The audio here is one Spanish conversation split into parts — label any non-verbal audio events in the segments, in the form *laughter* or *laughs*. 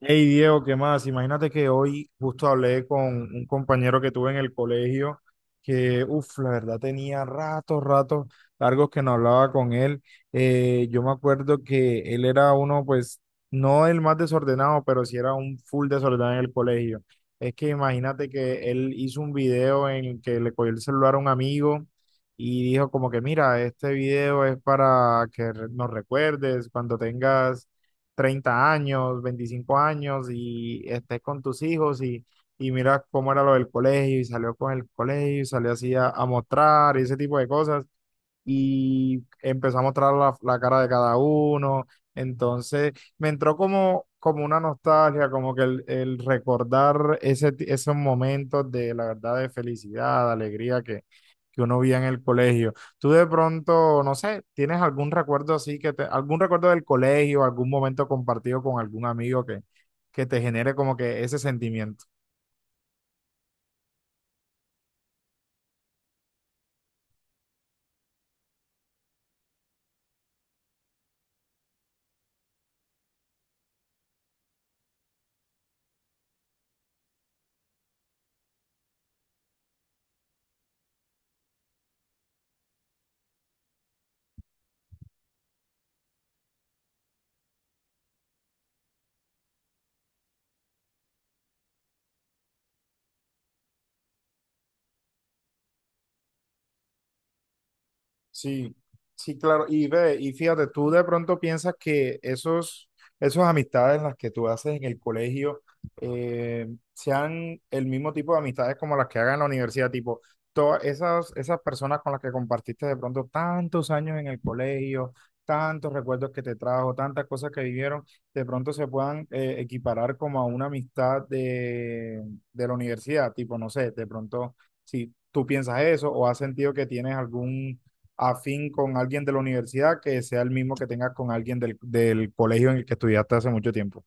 Hey Diego, ¿qué más? Imagínate que hoy justo hablé con un compañero que tuve en el colegio que, uff, la verdad tenía ratos largos que no hablaba con él. Yo me acuerdo que él era uno, pues, no el más desordenado, pero sí era un full desordenado en el colegio. Es que imagínate que él hizo un video en el que le cogió el celular a un amigo y dijo como que, mira, este video es para que nos recuerdes cuando tengas 30 años, 25 años y estés con tus hijos y mira cómo era lo del colegio y salió con el colegio y salió así a mostrar y ese tipo de cosas y empezó a mostrar la cara de cada uno. Entonces me entró como una nostalgia, como que el recordar esos momentos de la verdad de felicidad, de alegría que uno veía en el colegio. Tú de pronto, no sé, ¿tienes algún recuerdo así algún recuerdo del colegio, algún momento compartido con algún amigo que te genere como que ese sentimiento? Sí, sí, claro. Y ve, y fíjate, tú de pronto piensas que esos amistades las que tú haces en el colegio eh, sean el mismo tipo de amistades como las que hagan en la universidad, tipo, todas esas personas con las que compartiste de pronto tantos años en el colegio, tantos recuerdos que te trajo, tantas cosas que vivieron, de pronto se puedan equiparar como a una amistad de la universidad, tipo, no sé, de pronto, si tú piensas eso o has sentido que tienes algún afín con alguien de la universidad que sea el mismo que tengas con alguien del colegio en el que estudiaste hace mucho tiempo.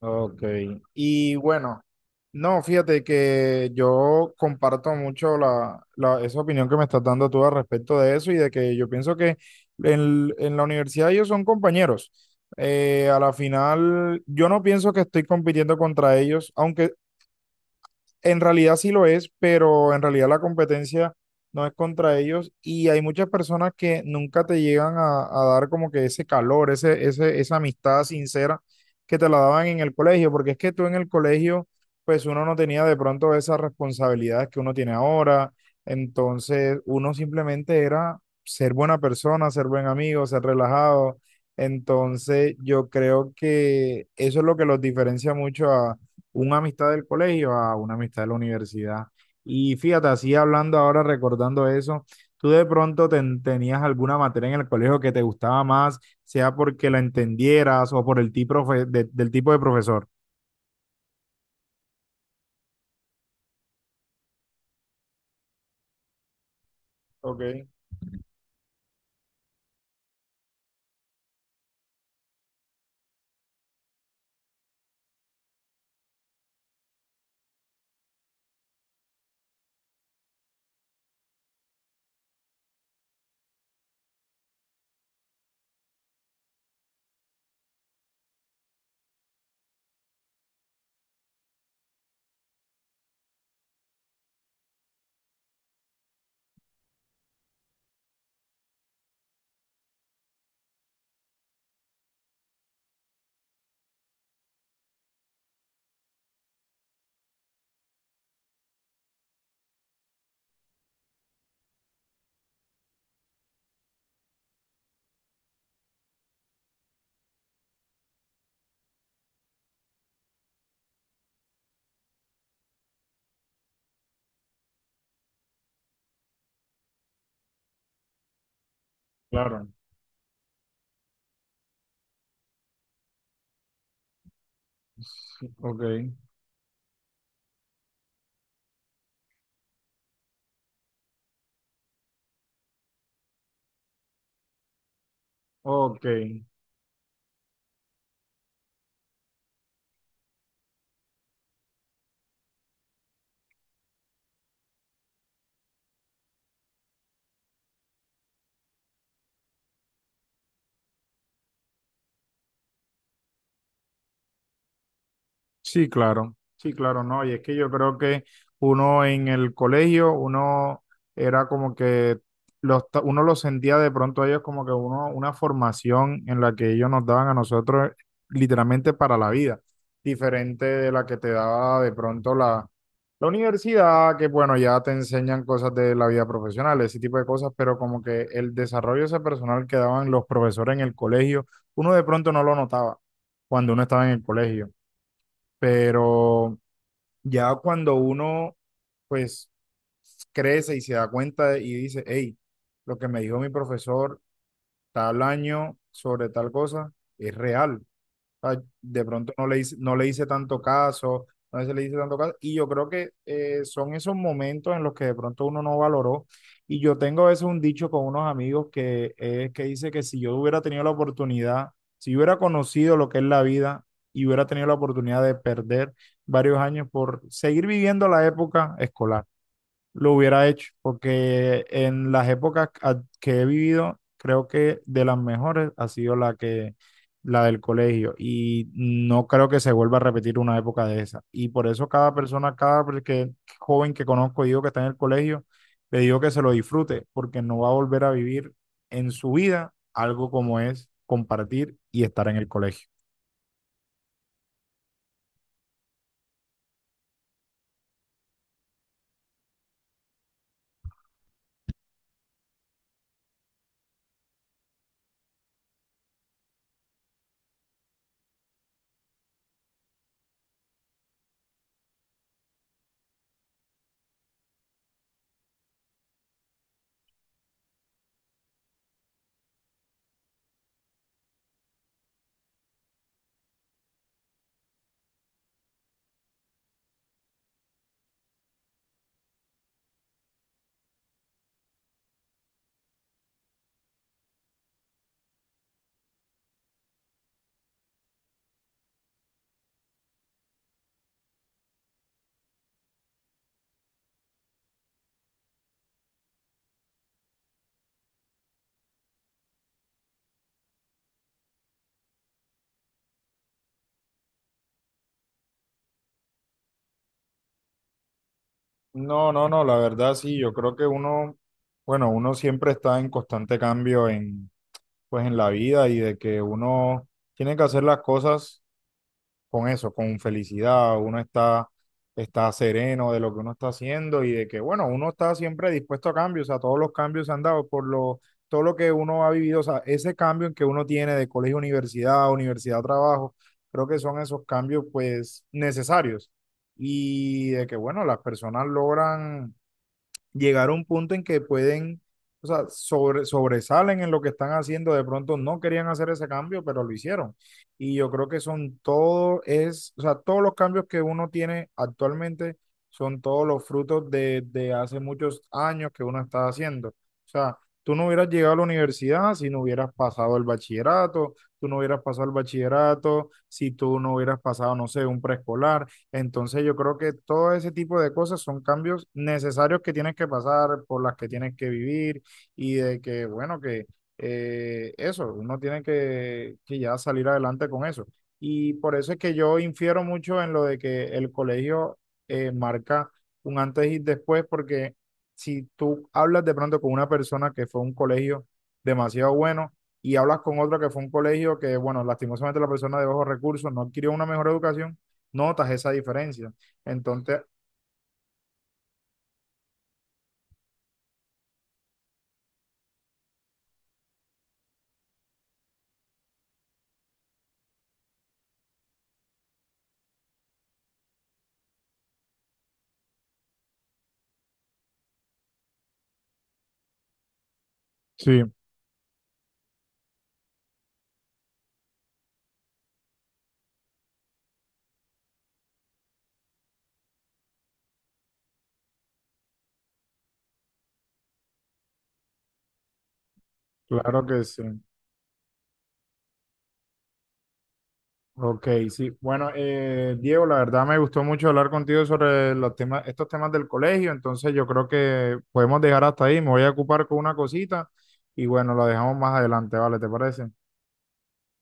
Ok. Y bueno, no, fíjate que yo comparto mucho esa opinión que me estás dando tú al respecto de eso y de que yo pienso que en la universidad ellos son compañeros. A la final, yo no pienso que estoy compitiendo contra ellos, aunque en realidad sí lo es, pero en realidad la competencia no es contra ellos y hay muchas personas que nunca te llegan a dar como que ese calor, esa amistad sincera que te la daban en el colegio, porque es que tú en el colegio, pues uno no tenía de pronto esas responsabilidades que uno tiene ahora, entonces uno simplemente era ser buena persona, ser buen amigo, ser relajado, entonces yo creo que eso es lo que los diferencia mucho a una amistad del colegio a una amistad de la universidad. Y fíjate, así hablando ahora, recordando eso, tú de pronto tenías alguna materia en el colegio que te gustaba más, sea porque la entendieras o por el tipo de del tipo de profesor. Ok, claro. *laughs* Ok, ok. Sí, claro, sí, claro, no, y es que yo creo que uno en el colegio, uno era como que uno los sentía de pronto a ellos como que uno, una formación en la que ellos nos daban a nosotros literalmente para la vida, diferente de la que te daba de pronto la universidad, que bueno, ya te enseñan cosas de la vida profesional, ese tipo de cosas, pero como que el desarrollo ese personal que daban los profesores en el colegio, uno de pronto no lo notaba cuando uno estaba en el colegio. Pero ya cuando uno, pues, crece y se da cuenta y dice, hey, lo que me dijo mi profesor tal año sobre tal cosa es real, sea, de pronto no le hice tanto caso, no se le hice tanto caso. Y yo creo que son esos momentos en los que de pronto uno no valoró. Y yo tengo a veces un dicho con unos amigos que es que dice que si yo hubiera tenido la oportunidad, si yo hubiera conocido lo que es la vida y hubiera tenido la oportunidad de perder varios años por seguir viviendo la época escolar lo hubiera hecho, porque en las épocas que he vivido, creo que de las mejores ha sido la del colegio y no creo que se vuelva a repetir una época de esa. Y por eso cada persona, joven que conozco, digo que está en el colegio, le digo que se lo disfrute, porque no va a volver a vivir en su vida algo como es compartir y estar en el colegio. No, no, no, la verdad sí, yo creo que uno, bueno, uno siempre está en constante cambio en pues en la vida y de que uno tiene que hacer las cosas con eso, con felicidad, uno está sereno de lo que uno está haciendo y de que, bueno, uno está siempre dispuesto a cambios, a todos los cambios se han dado todo lo que uno ha vivido, o sea, ese cambio en que uno tiene de colegio a universidad, universidad a trabajo, creo que son esos cambios pues necesarios y de que, bueno, las personas logran llegar a un punto en que pueden, o sea, sobresalen en lo que están haciendo. De pronto no querían hacer ese cambio, pero lo hicieron. Y yo creo que son o sea, todos los cambios que uno tiene actualmente son todos los frutos de hace muchos años que uno está haciendo. O sea, tú no hubieras llegado a la universidad si no hubieras pasado el bachillerato, tú no hubieras pasado el bachillerato si tú no hubieras pasado, no sé, un preescolar. Entonces yo creo que todo ese tipo de cosas son cambios necesarios que tienes que pasar, por las que tienes que vivir y de que, bueno, que eso, uno tiene que, ya salir adelante con eso. Y por eso es que yo infiero mucho en lo de que el colegio marca un antes y después, porque si tú hablas de pronto con una persona que fue a un colegio demasiado bueno y hablas con otro que fue a un colegio que, bueno, lastimosamente la persona de bajos recursos no adquirió una mejor educación, notas esa diferencia. Entonces, sí, claro que sí. Ok, sí. Bueno, Diego, la verdad me gustó mucho hablar contigo sobre los temas, estos temas del colegio, entonces yo creo que podemos dejar hasta ahí. Me voy a ocupar con una cosita y bueno, lo dejamos más adelante, ¿vale? ¿Te parece?